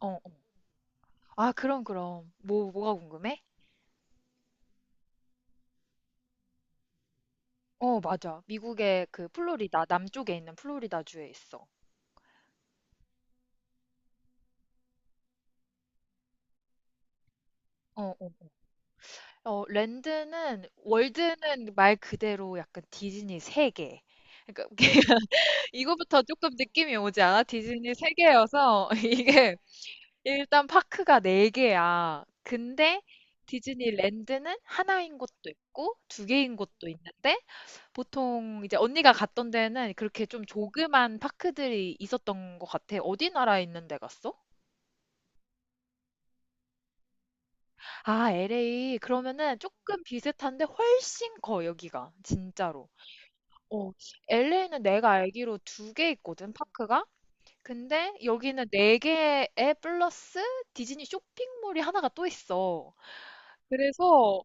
어. 어. 아, 그럼, 그럼. 뭐가 궁금해? 어, 맞아. 미국의 그 플로리다, 남쪽에 있는 플로리다주에 있어. 어, 어. 어, 랜드는, 월드는 말 그대로 약간 디즈니 세계. 그러니까 이거부터 조금 느낌이 오지 않아? 디즈니 세계여서 이게 일단 파크가 네 개야. 근데 디즈니 랜드는 하나인 곳도 있고 두 개인 곳도 있는데 보통 이제 언니가 갔던 데는 그렇게 좀 조그만 파크들이 있었던 것 같아. 어디 나라에 있는 데 갔어? 아, LA. 그러면은 조금 비슷한데 훨씬 커, 여기가. 진짜로. 어, LA는 내가 알기로 두 개 있거든, 파크가. 근데 여기는 네 개에 플러스 디즈니 쇼핑몰이 하나가 또 있어. 그래서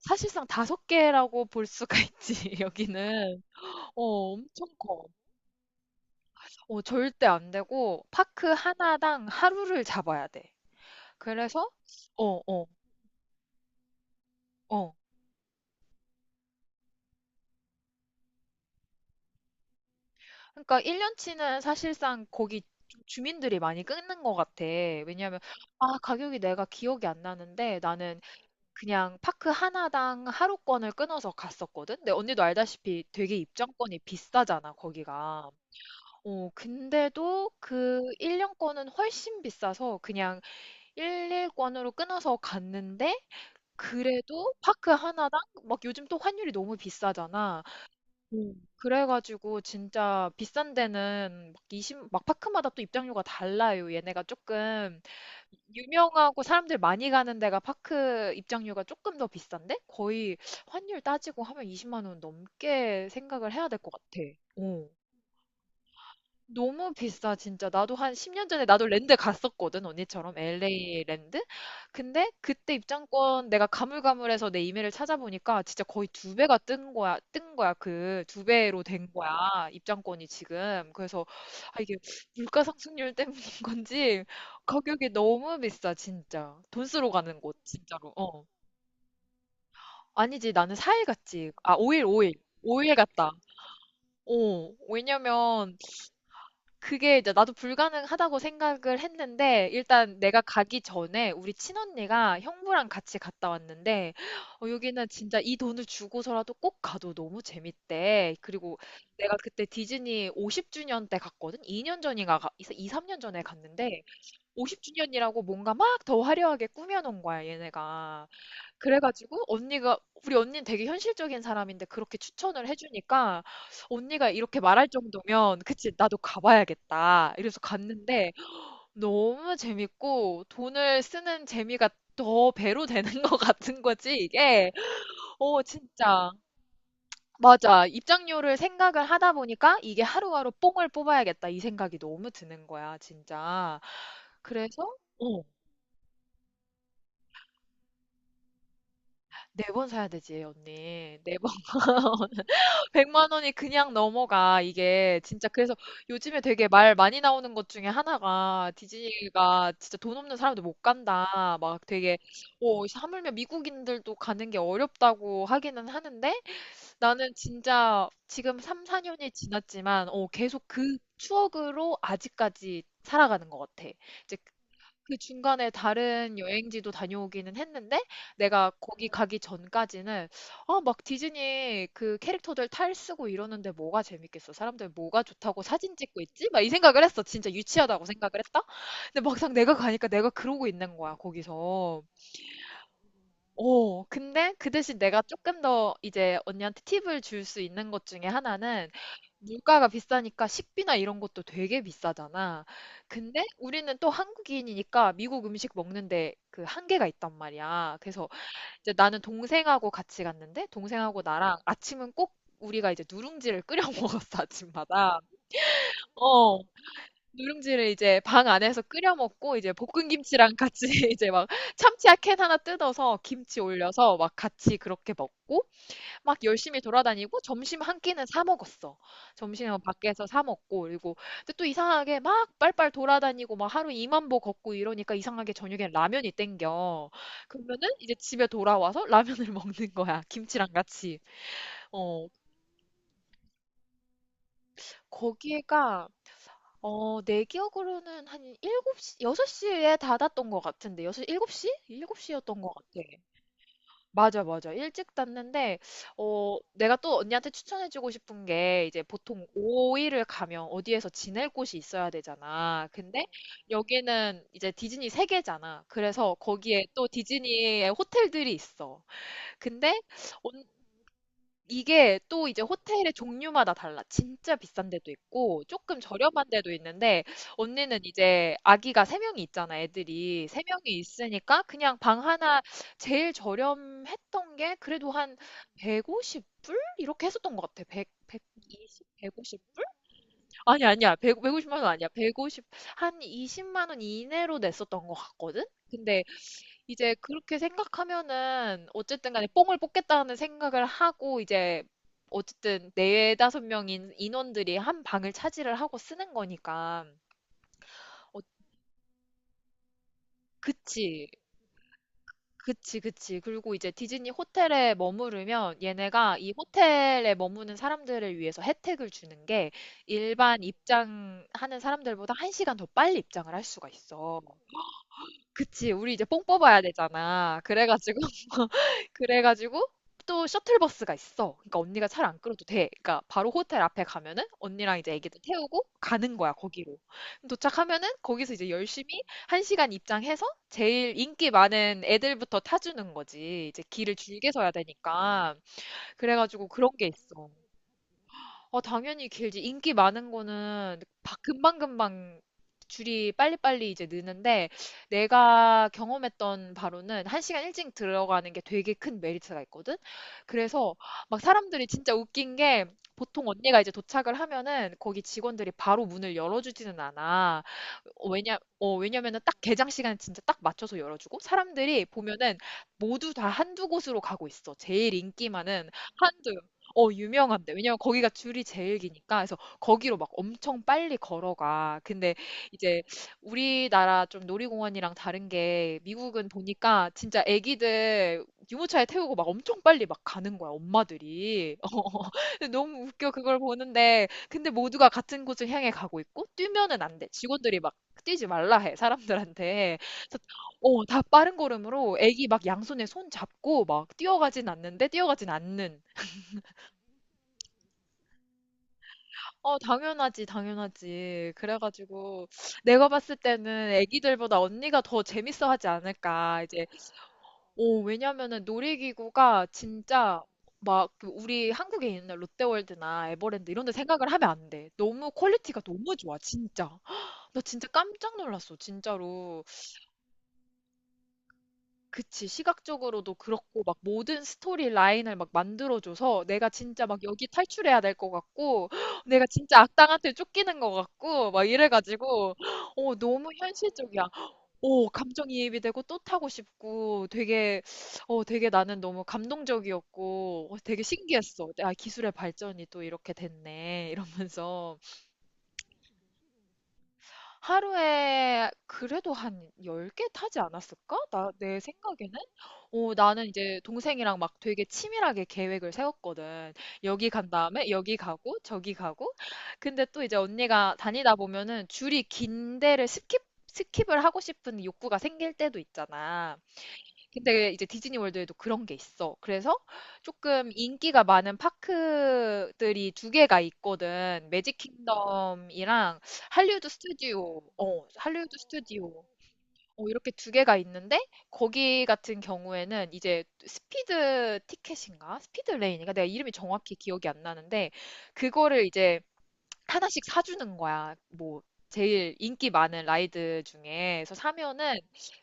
사실상 다섯 개라고 볼 수가 있지, 여기는. 어, 엄청 커. 어, 절대 안 되고, 파크 하나당 하루를 잡아야 돼. 그래서, 어, 어, 어. 그러니까 1년치는 사실상 거기 주민들이 많이 끊는 것 같아. 왜냐하면, 아, 가격이 내가 기억이 안 나는데, 나는 그냥 파크 하나당 하루권을 끊어서 갔었거든? 근데 언니도 알다시피 되게 입장권이 비싸잖아, 거기가. 어, 근데도 그 1년권은 훨씬 비싸서 그냥 1일권으로 끊어서 갔는데, 그래도 파크 하나당 막 요즘 또 환율이 너무 비싸잖아. 음. 그래가지고 진짜 비싼 데는 막 이십, 막 파크마다 또 입장료가 달라요. 얘네가 조금 유명하고 사람들 많이 가는 데가 파크 입장료가 조금 더 비싼데? 거의 환율 따지고 하면 20만 원 넘게 생각을 해야 될 것 같아. 어. 너무 비싸, 진짜. 나도 한 10년 전에 나도 랜드 갔었거든, 언니처럼. LA 랜드? 근데 그때 입장권 내가 가물가물해서 내 이메일을 찾아보니까 진짜 거의 두 배가 뜬 거야, 뜬 거야. 그 두 배로 된 거야, 입장권이 지금. 그래서, 아, 이게 물가 상승률 때문인 건지 가격이 너무 비싸, 진짜. 돈 쓰러 가는 곳, 진짜로. 어. 아니지, 나는 4일 갔지. 아, 5일, 5일. 5일 갔다. 어, 왜냐면 그게 이제 나도 불가능하다고 생각을 했는데 일단 내가 가기 전에 우리 친언니가 형부랑 같이 갔다 왔는데 어, 여기는 진짜 이 돈을 주고서라도 꼭 가도 너무 재밌대. 그리고 내가 그때 디즈니 50주년 때 갔거든. 2년 전인가 가, 2, 3년 전에 갔는데 50주년이라고 뭔가 막 더 화려하게 꾸며놓은 거야, 얘네가. 그래가지고 언니가 우리 언니는 되게 현실적인 사람인데 그렇게 추천을 해주니까 언니가 이렇게 말할 정도면 그치 나도 가봐야겠다 이래서 갔는데 너무 재밌고 돈을 쓰는 재미가 더 배로 되는 것 같은 거지, 이게. 어, 진짜. 맞아, 입장료를 생각을 하다 보니까 이게 하루하루 뽕을 뽑아야겠다 이 생각이 너무 드는 거야, 진짜. 그래서 어, 네 번 사야 되지 언니, 4번. 100만 원이 그냥 넘어가, 이게. 진짜. 그래서 요즘에 되게 말 많이 나오는 것 중에 하나가, 디즈니가 진짜 돈 없는 사람들 못 간다. 막 되게, 어, 하물며 미국인들도 가는 게 어렵다고 하기는 하는데 나는 진짜 지금 3, 4년이 지났지만, 어, 계속 그 추억으로 아직까지 살아가는 것 같아. 이제 그 중간에 다른 여행지도 다녀오기는 했는데 내가 거기 가기 전까지는, 아, 막 디즈니 그 캐릭터들 탈 쓰고 이러는데 뭐가 재밌겠어? 사람들 뭐가 좋다고 사진 찍고 있지? 막 이 생각을 했어. 진짜 유치하다고 생각을 했다. 근데 막상 내가 가니까 내가 그러고 있는 거야, 거기서. 어, 근데 그 대신 내가 조금 더 이제 언니한테 팁을 줄 수 있는 것 중에 하나는 물가가 비싸니까 식비나 이런 것도 되게 비싸잖아. 근데 우리는 또 한국인이니까 미국 음식 먹는데 그 한계가 있단 말이야. 그래서 이제 나는 동생하고 같이 갔는데 동생하고 나랑 아침은 꼭 우리가 이제 누룽지를 끓여 먹었어, 아침마다. 어, 누룽지를 이제 방 안에서 끓여 먹고 이제 볶은 김치랑 같이 이제 막 참치야 캔 하나 뜯어서 김치 올려서 막 같이 그렇게 먹고 막 열심히 돌아다니고 점심 한 끼는 사 먹었어. 점심은 밖에서 사 먹고 그리고 근데 또 이상하게 막 빨빨 돌아다니고 막 하루 2만 보 걷고 이러니까 이상하게 저녁엔 라면이 땡겨. 그러면은 이제 집에 돌아와서 라면을 먹는 거야. 김치랑 같이. 어, 거기가 어, 내 기억으로는 한 일곱 시 6시에 닫았던 것 같은데, 여섯 일 7시? 7시였던 것 같아. 맞아, 맞아. 일찍 닫는데, 어, 내가 또 언니한테 추천해주고 싶은 게, 이제 보통 5일을 가면 어디에서 지낼 곳이 있어야 되잖아. 근데 여기는 이제 디즈니 세계잖아. 그래서 거기에 또 디즈니의 호텔들이 있어. 근데 이게 또 이제 호텔의 종류마다 달라. 진짜 비싼 데도 있고 조금 저렴한 데도 있는데 언니는 이제 아기가 세명이 있잖아, 애들이. 세명이 있으니까 그냥 방 하나, 제일 저렴했던 게 그래도 한 150불? 이렇게 했었던 것 같아. 100, 120, 150불? 아니, 아니야. 1 5 0만원 아니야. 150, 한 20만 원 이내로 냈었던 것 같거든? 근데 이제 그렇게 생각하면은 어쨌든 간에 뽕을 뽑겠다는 생각을 하고 이제 어쨌든 네다섯 명인 인원들이 한 방을 차지를 하고 쓰는 거니까. 어, 그치 그치 그치. 그리고 이제 디즈니 호텔에 머무르면 얘네가 이 호텔에 머무는 사람들을 위해서 혜택을 주는 게, 일반 입장하는 사람들보다 한시간더 빨리 입장을 할 수가 있어. 그치, 우리 이제 뽕 뽑아야 되잖아. 그래가지고, 그래가지고, 또 셔틀버스가 있어. 그러니까 언니가 차를 안 끌어도 돼. 그러니까 바로 호텔 앞에 가면은 언니랑 이제 애기들 태우고 가는 거야, 거기로. 그럼 도착하면은 거기서 이제 열심히 한시간 입장해서 제일 인기 많은 애들부터 타주는 거지. 이제 길을 줄게 서야 되니까. 그래가지고 그런 게 있어. 어, 당연히 길지. 인기 많은 거는 금방금방 줄이 빨리빨리 이제 느는데 내가 경험했던 바로는 한시간 일찍 들어가는 게 되게 큰 메리트가 있거든. 그래서 막 사람들이 진짜 웃긴 게 보통 언니가 이제 도착을 하면은 거기 직원들이 바로 문을 열어주지는 않아. 어, 왜냐면은 딱 개장 시간 진짜 딱 맞춰서 열어주고 사람들이 보면은 모두 다 한두 곳으로 가고 있어. 제일 인기 많은 한두, 유명한데. 왜냐면 거기가 줄이 제일 기니까. 그래서 거기로 막 엄청 빨리 걸어가. 근데 이제 우리나라 좀 놀이공원이랑 다른 게 미국은 보니까 진짜 애기들 유모차에 태우고 막 엄청 빨리 막 가는 거야, 엄마들이. 근데 너무 웃겨, 그걸 보는데. 근데 모두가 같은 곳을 향해 가고 있고, 뛰면은 안 돼. 직원들이 막 뛰지 말라 해, 사람들한테. 그래서 어, 다 빠른 걸음으로 애기 막 양손에 손 잡고 막 뛰어가진 않는데 뛰어가진 않는. 어, 당연하지, 당연하지. 그래가지고 내가 봤을 때는 애기들보다 언니가 더 재밌어 하지 않을까. 이제, 어, 왜냐면은 놀이기구가 진짜 막그 우리 한국에 있는 롯데월드나 에버랜드 이런 데 생각을 하면 안 돼. 너무 퀄리티가 너무 좋아, 진짜. 나 진짜 깜짝 놀랐어, 진짜로. 그치. 시각적으로도 그렇고 막 모든 스토리 라인을 막 만들어줘서 내가 진짜 막 여기 탈출해야 될 것 같고 내가 진짜 악당한테 쫓기는 것 같고 막 이래가지고 어, 너무 현실적이야. 오, 감정이입이 되고 또 타고 싶고 되게, 어, 되게 나는 너무 감동적이었고, 어, 되게 신기했어. 아, 기술의 발전이 또 이렇게 됐네 이러면서. 하루에 그래도 한 10개 타지 않았을까? 내 생각에는? 어, 나는 이제 동생이랑 막 되게 치밀하게 계획을 세웠거든. 여기 간 다음에 여기 가고 저기 가고. 근데 또 이제 언니가 다니다 보면은 줄이 긴 데를 스킵을 하고 싶은 욕구가 생길 때도 있잖아. 근데 이제 디즈니 월드에도 그런 게 있어. 그래서 조금 인기가 많은 파크들이 두 개가 있거든. 매직 킹덤이랑 할리우드 스튜디오. 어, 할리우드 스튜디오. 어, 이렇게 두 개가 있는데 거기 같은 경우에는 이제 스피드 티켓인가? 스피드 레인인가? 내가 이름이 정확히 기억이 안 나는데 그거를 이제 하나씩 사주는 거야. 뭐, 제일 인기 많은 라이드 중에. 그래서 사면은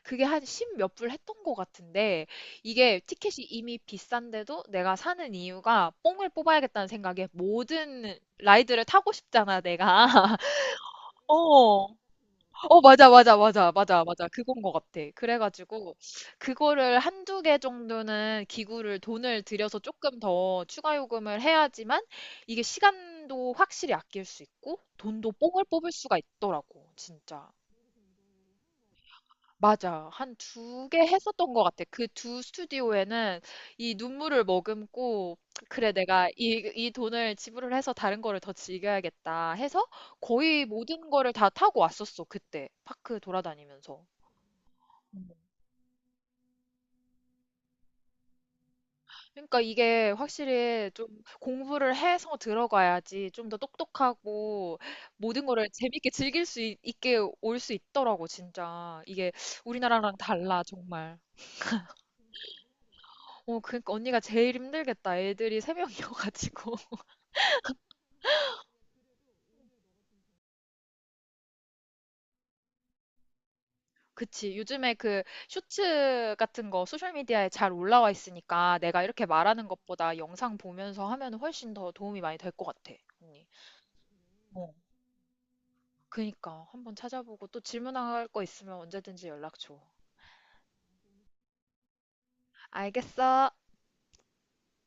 그게 한 십몇불 했던 것 같은데 이게 티켓이 이미 비싼데도 내가 사는 이유가 뽕을 뽑아야겠다는 생각에 모든 라이드를 타고 싶잖아, 내가. 어. 어, 맞아, 맞아, 맞아, 맞아, 맞아. 그건 것 같아. 그래가지고, 그거를 한두 개 정도는 기구를 돈을 들여서 조금 더 추가 요금을 해야지만, 이게 시간도 확실히 아낄 수 있고, 돈도 뽕을 뽑을 수가 있더라고, 진짜. 맞아. 한 두 개 했었던 것 같아. 그 두 스튜디오에는 이 눈물을 머금고, 그래, 내가 이 돈을 지불을 해서 다른 거를 더 즐겨야겠다 해서 거의 모든 거를 다 타고 왔었어, 그때. 파크 돌아다니면서. 그러니까 이게 확실히 좀 공부를 해서 들어가야지 좀 더 똑똑하고 모든 거를 재밌게 즐길 수 있, 게 올 수 있더라고, 진짜. 이게 우리나라랑 달라, 정말. 어, 그러니까 언니가 제일 힘들겠다. 애들이 세 명이어가지고. 그치. 요즘에 그 쇼츠 같은 거 소셜미디어에 잘 올라와 있으니까 내가 이렇게 말하는 것보다 영상 보면서 하면 훨씬 더 도움이 많이 될 것 같아, 언니. 어, 그니까. 한번 찾아보고 또 질문할 거 있으면 언제든지 연락 줘. 알겠어.